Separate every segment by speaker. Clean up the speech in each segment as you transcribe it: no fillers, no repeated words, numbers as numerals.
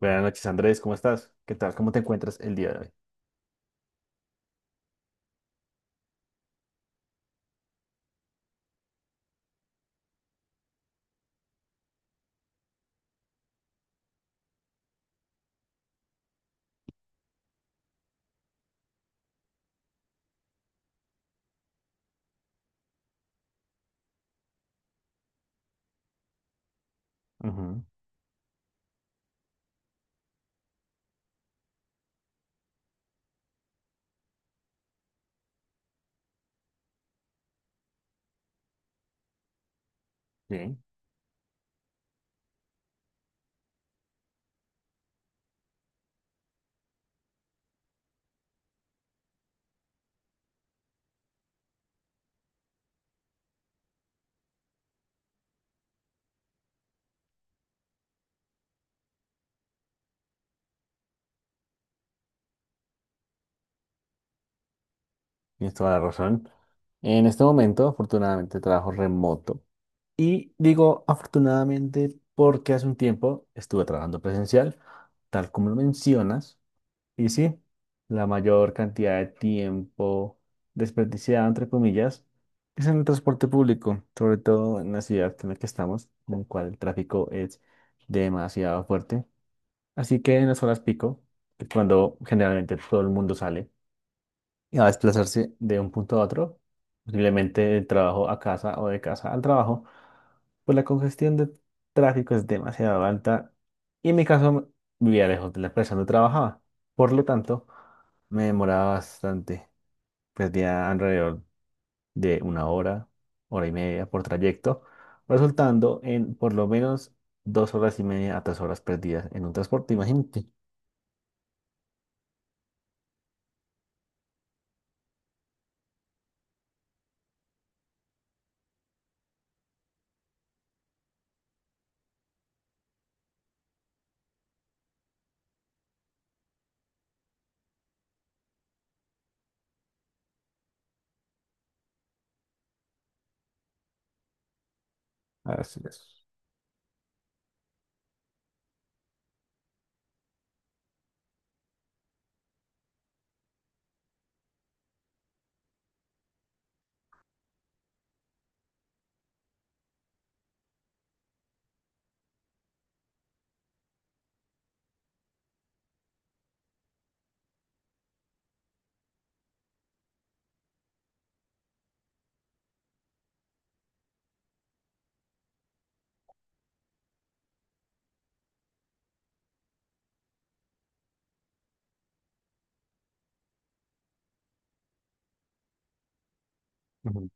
Speaker 1: Buenas noches, Andrés, ¿cómo estás? ¿Qué tal? ¿Cómo te encuentras el día de hoy? Ujú. Bien, tienes toda la razón. En este momento, afortunadamente, trabajo remoto. Y digo afortunadamente porque hace un tiempo estuve trabajando presencial, tal como lo mencionas. Y sí, la mayor cantidad de tiempo desperdiciado, entre comillas, es en el transporte público, sobre todo en la ciudad en la que estamos, en la cual el tráfico es demasiado fuerte. Así que en las horas pico, que es cuando generalmente todo el mundo sale y va a desplazarse de un punto a otro, posiblemente del trabajo a casa o de casa al trabajo, pues la congestión de tráfico es demasiado alta y en mi caso vivía lejos de la empresa donde trabajaba. Por lo tanto, me demoraba bastante. Perdía alrededor de una hora, hora y media por trayecto, resultando en por lo menos dos horas y media a tres horas perdidas en un transporte, imagínate. Así es. Ujú.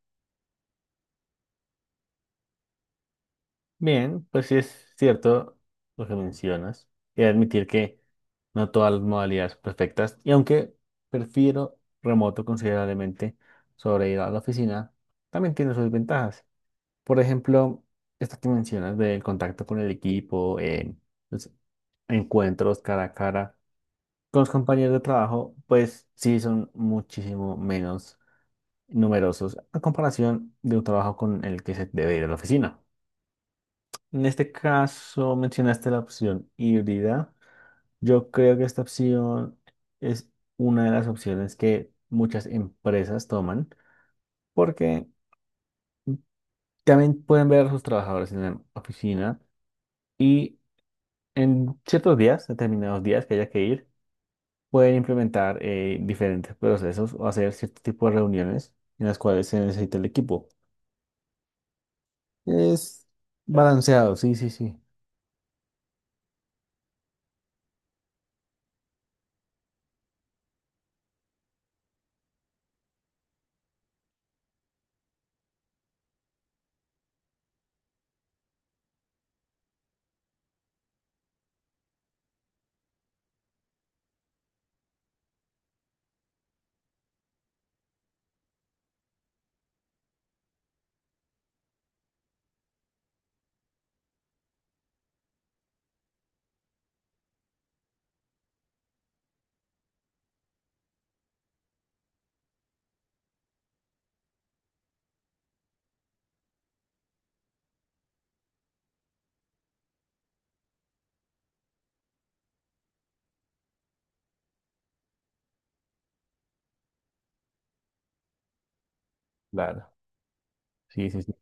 Speaker 1: Bien, pues sí es cierto lo que mencionas. Y admitir que no todas las modalidades son perfectas. Y aunque prefiero remoto considerablemente sobre ir a la oficina, también tiene sus ventajas. Por ejemplo, esta que mencionas del contacto con el equipo, los encuentros cara a cara con los compañeros de trabajo, pues sí son muchísimo menos numerosos a comparación de un trabajo con el que se debe ir a la oficina. En este caso mencionaste la opción híbrida. Yo creo que esta opción es una de las opciones que muchas empresas toman porque también pueden ver a sus trabajadores en la oficina y en ciertos días, determinados días que haya que ir, pueden implementar diferentes procesos o hacer cierto tipo de reuniones en las cuales se necesita el equipo. Es balanceado, sí, sí, sí. Claro. Sí, sí, sí.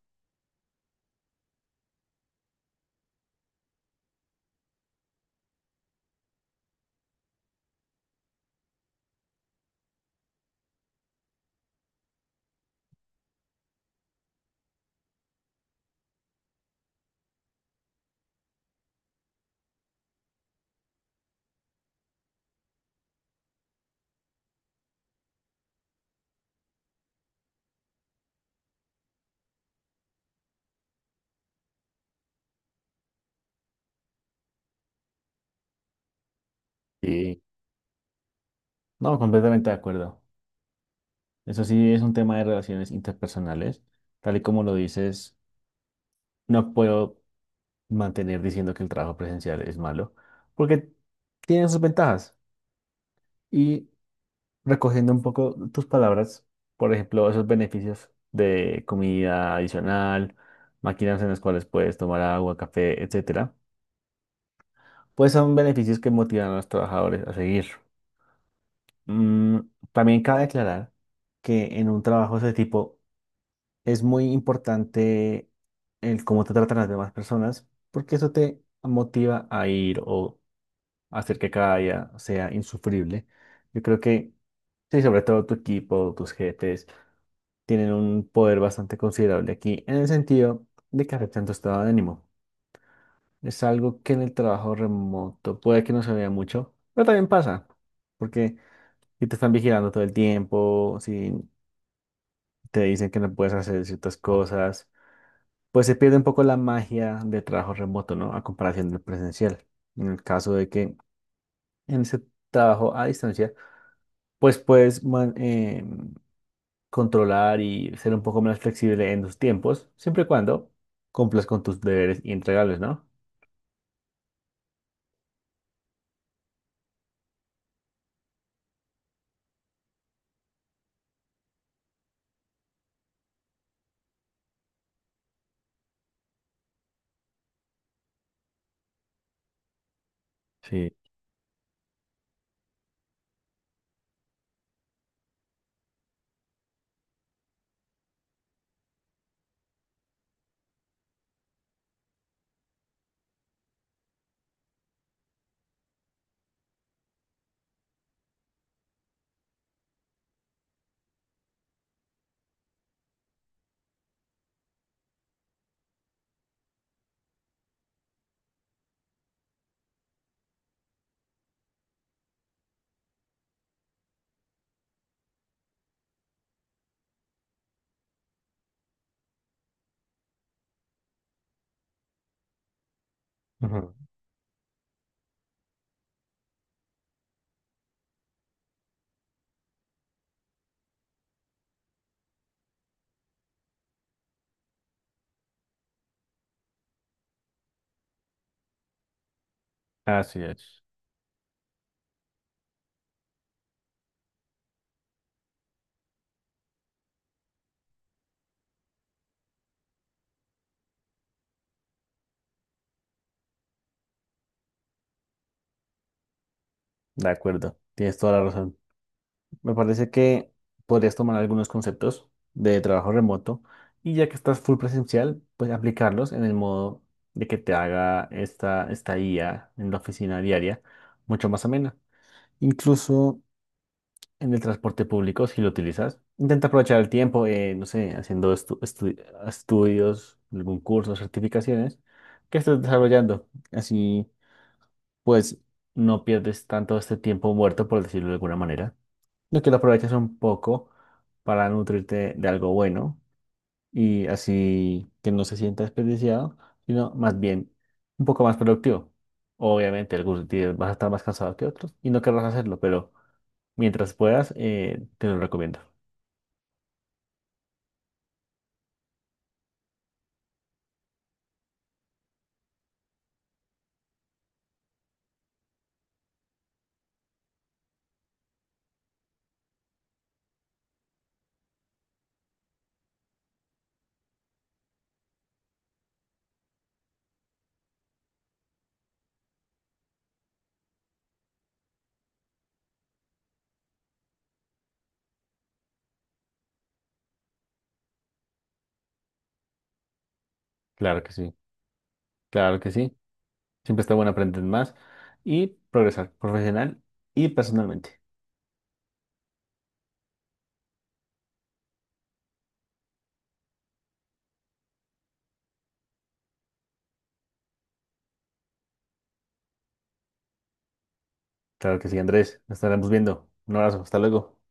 Speaker 1: Sí. No, completamente de acuerdo. Eso sí es un tema de relaciones interpersonales. Tal y como lo dices, no puedo mantener diciendo que el trabajo presencial es malo, porque tiene sus ventajas. Y recogiendo un poco tus palabras, por ejemplo, esos beneficios de comida adicional, máquinas en las cuales puedes tomar agua, café, etcétera, pues son beneficios que motivan a los trabajadores a seguir. Mm, también cabe aclarar que en un trabajo de ese tipo, es muy importante el cómo te tratan las demás personas, porque eso te motiva a ir o hacer que cada día sea insufrible. Yo creo que, sí, sobre todo tu equipo, tus jefes, tienen un poder bastante considerable aquí en el sentido de que afectan tu estado de ánimo. Es algo que en el trabajo remoto puede que no se vea mucho, pero también pasa, porque si te están vigilando todo el tiempo, si te dicen que no puedes hacer ciertas cosas, pues se pierde un poco la magia de trabajo remoto, ¿no? A comparación del presencial. En el caso de que en ese trabajo a distancia, pues controlar y ser un poco más flexible en tus tiempos, siempre y cuando cumplas con tus deberes y entregables, ¿no? Sí, ujú. Así es. De acuerdo, tienes toda la razón. Me parece que podrías tomar algunos conceptos de trabajo remoto y ya que estás full presencial, pues aplicarlos en el modo de que te haga esta estadía en la oficina diaria mucho más amena. Incluso en el transporte público, si lo utilizas, intenta aprovechar el tiempo, no sé, haciendo estudios, algún curso, certificaciones que estés desarrollando. Así, pues, no pierdes tanto este tiempo muerto, por decirlo de alguna manera lo que lo aprovechas un poco para nutrirte de algo bueno y así que no se sienta desperdiciado, sino más bien un poco más productivo. Obviamente, algunos días vas a estar más cansado que otros y no querrás hacerlo, pero mientras puedas, te lo recomiendo. Claro que sí, claro que sí. Siempre está bueno aprender más y progresar profesional y personalmente. Claro que sí, Andrés. Nos estaremos viendo. Un abrazo, hasta luego.